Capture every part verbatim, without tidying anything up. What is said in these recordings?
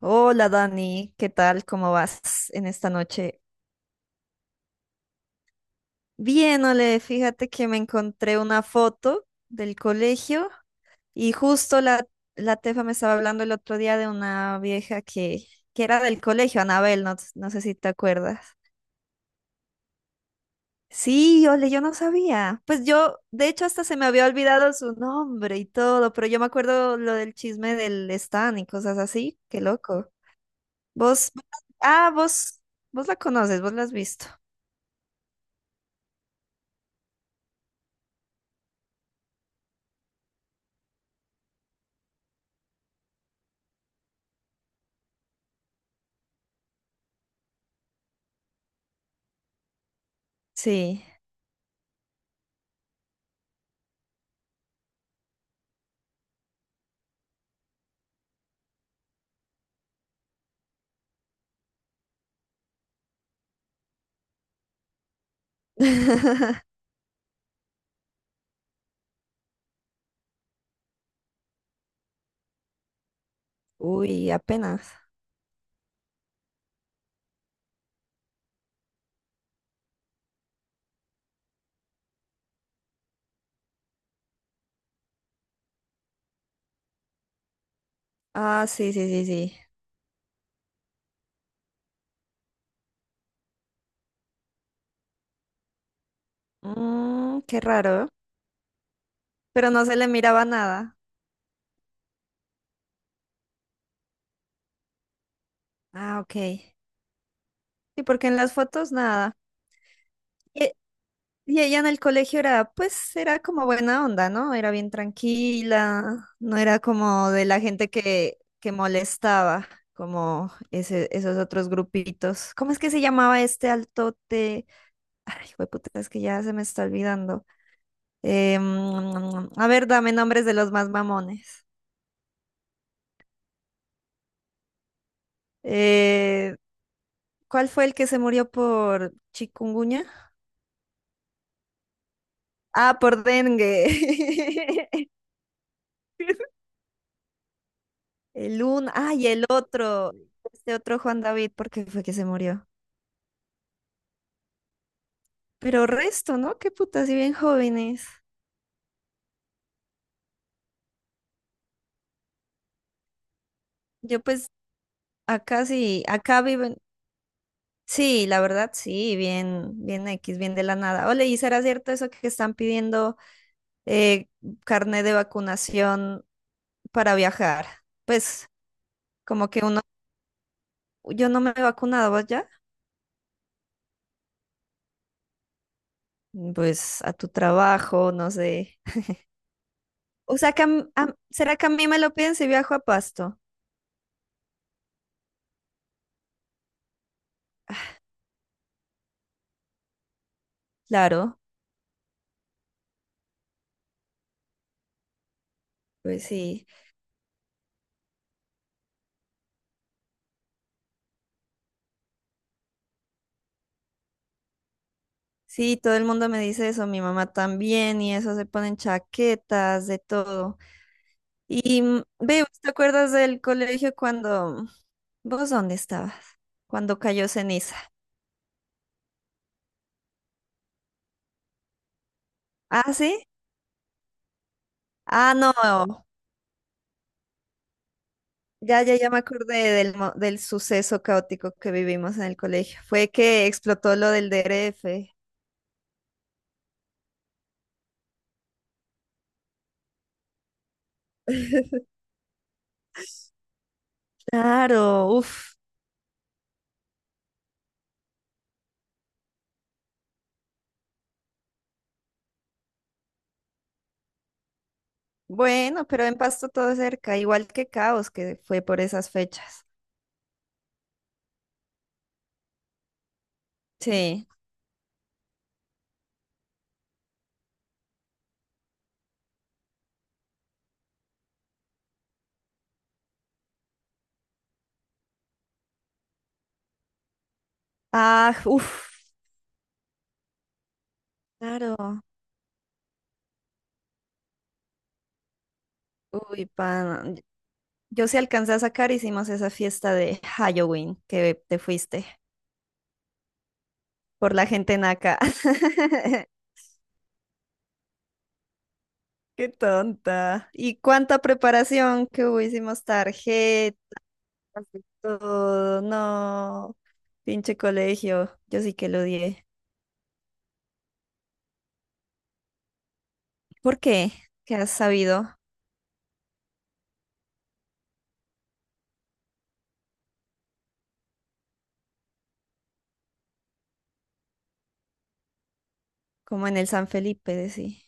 Hola Dani, ¿qué tal? ¿Cómo vas en esta noche? Bien, Ole, fíjate que me encontré una foto del colegio y justo la, la Tefa me estaba hablando el otro día de una vieja que, que era del colegio, Anabel, no, no sé si te acuerdas. Sí, Ole, yo no sabía. Pues yo, de hecho, hasta se me había olvidado su nombre y todo, pero yo me acuerdo lo del chisme del Stan y cosas así, qué loco. Vos, ah, vos, Vos la conoces, vos la has visto. Sí. Uy, apenas. Ah, sí, sí, sí, sí. Mm, qué raro, pero no se le miraba nada. Ah, ok. Sí, porque en las fotos nada. Y, y ella en el colegio era, pues, era como buena onda, ¿no? Era bien tranquila, no era como de la gente que, que molestaba, como ese, esos otros grupitos. ¿Cómo es que se llamaba este altote? Ay, puta, es que ya se me está olvidando. Eh, mm, a ver, dame nombres de los más mamones. Eh, ¿Cuál fue el que se murió por chikungunya? Ah, por dengue. El uno, ah, y el otro, este otro Juan David, ¿por qué fue que se murió? Pero resto, ¿no? Qué puta, si bien jóvenes. Yo pues acá sí, acá viven. Sí, la verdad, sí, bien, bien X, bien de la nada. Ole, ¿y será cierto eso que están pidiendo eh, carnet de vacunación para viajar? Pues como que uno, yo no me he vacunado, ¿vos ya? Pues a tu trabajo, no sé. O sea, que a m- a- ¿será que a mí me lo piden si viajo a Pasto? Claro, pues sí. Sí, todo el mundo me dice eso, mi mamá también, y eso se ponen chaquetas, de todo. Y mm, ve, ¿te acuerdas del colegio cuando... ¿Vos dónde estabas? Cuando cayó ceniza. ¿Ah, sí? Ah, no. Ya, ya, ya me acordé del, mo- del suceso caótico que vivimos en el colegio. Fue que explotó lo del D R F. Claro, uff. Bueno, pero en Pasto todo cerca, igual que Caos, que fue por esas fechas. Sí. Ah, uff, claro. Uy, pana. Yo sí alcancé a sacar, hicimos esa fiesta de Halloween que te fuiste por la gente naca. Qué tonta. ¿Y cuánta preparación que hubo? Hicimos tarjetas, de todo. No, pinche colegio. Yo sí que lo odié. ¿Por qué? ¿Qué has sabido? Como en el San Felipe, de sí.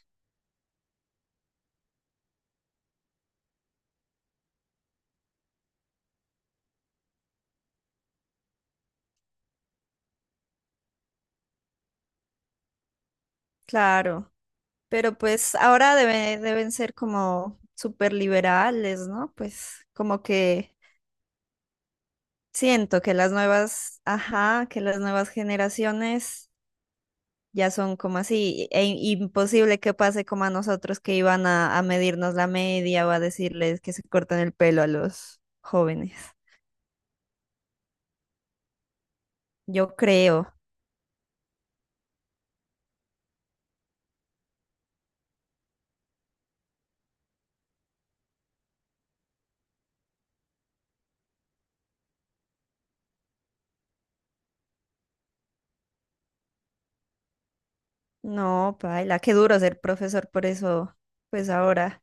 Claro. Pero pues ahora debe- deben ser como súper liberales, ¿no? Pues como que siento que las nuevas, ajá, que las nuevas generaciones ya son como así, e imposible que pase como a nosotros que iban a, a medirnos la media o a decirles que se corten el pelo a los jóvenes. Yo creo. No, paila, qué duro ser profesor por eso, pues ahora.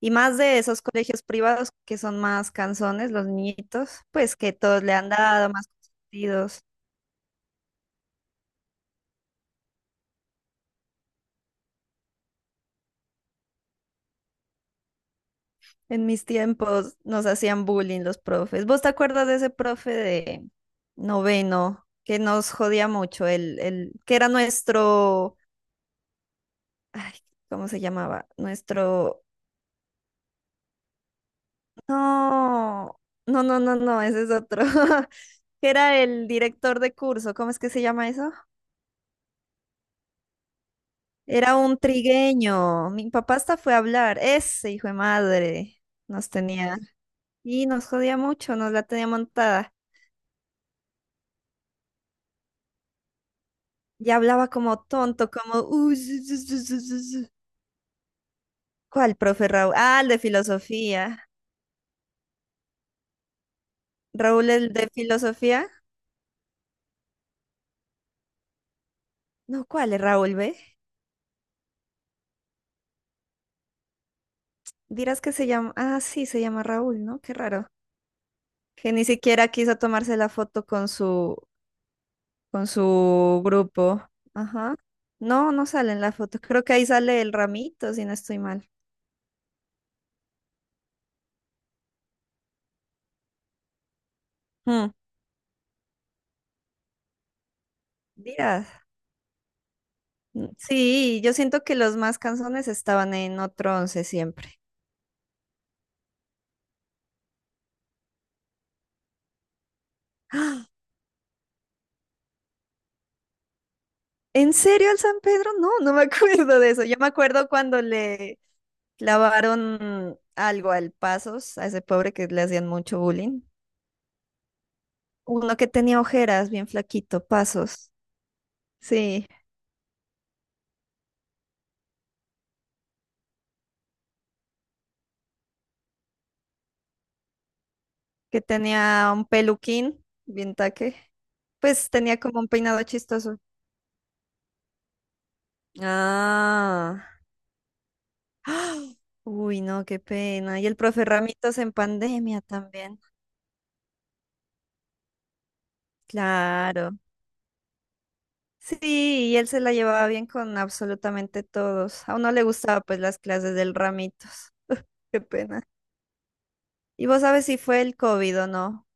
Y más de esos colegios privados que son más canzones, los niñitos, pues que todos le han dado más consentidos. En mis tiempos nos hacían bullying los profes. ¿Vos te acuerdas de ese profe de noveno que nos jodía mucho? El, el que era nuestro, ay, ¿cómo se llamaba? Nuestro No, no, no, no, no, ese es otro. Que era el director de curso, ¿cómo es que se llama eso? Era un trigueño. Mi papá hasta fue a hablar. Ese hijo de madre nos tenía. Y nos jodía mucho, nos la tenía montada. Y hablaba como tonto, como... "Uh, zu, zu, zu, zu, zu, zu". ¿Cuál, profe Raúl? Ah, el de filosofía. ¿Raúl el de filosofía? No, ¿cuál es Raúl, ve? Dirás que se llama... Ah, sí, se llama Raúl, ¿no? Qué raro. Que ni siquiera quiso tomarse la foto con su, con su grupo. Ajá. No, no sale en la foto. Creo que ahí sale el ramito, si no estoy mal. Mm, Díaz. Mm, Sí, yo siento que los más canzones estaban en otro once siempre. ¡Ah! ¿En serio el San Pedro? No, no me acuerdo de eso. Yo me acuerdo cuando le clavaron algo al Pasos, a ese pobre que le hacían mucho bullying. Uno que tenía ojeras, bien flaquito, Pasos. Sí. Que tenía un peluquín, bien taque. Pues tenía como un peinado chistoso. Ah. ¡Ah! Uy, no, qué pena. Y el profe Ramitos en pandemia también. Claro. Sí, y él se la llevaba bien con absolutamente todos. A uno le gustaba pues las clases del Ramitos. Qué pena. ¿Y vos sabes si fue el COVID o no?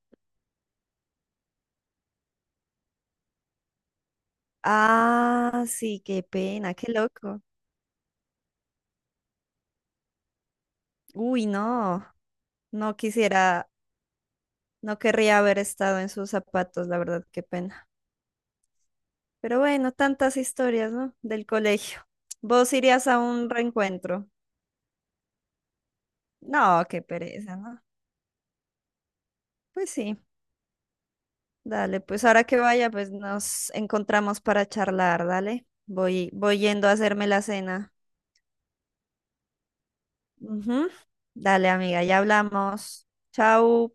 Ah, sí, qué pena, qué loco. Uy, no. No quisiera No querría haber estado en sus zapatos, la verdad, qué pena. Pero bueno, tantas historias, ¿no? Del colegio. ¿Vos irías a un reencuentro? No, qué pereza, ¿no? Pues sí, dale, pues ahora que vaya, pues nos encontramos para charlar, dale. Voy, voy yendo a hacerme la cena. Ujú. Dale, amiga, ya hablamos. Chau.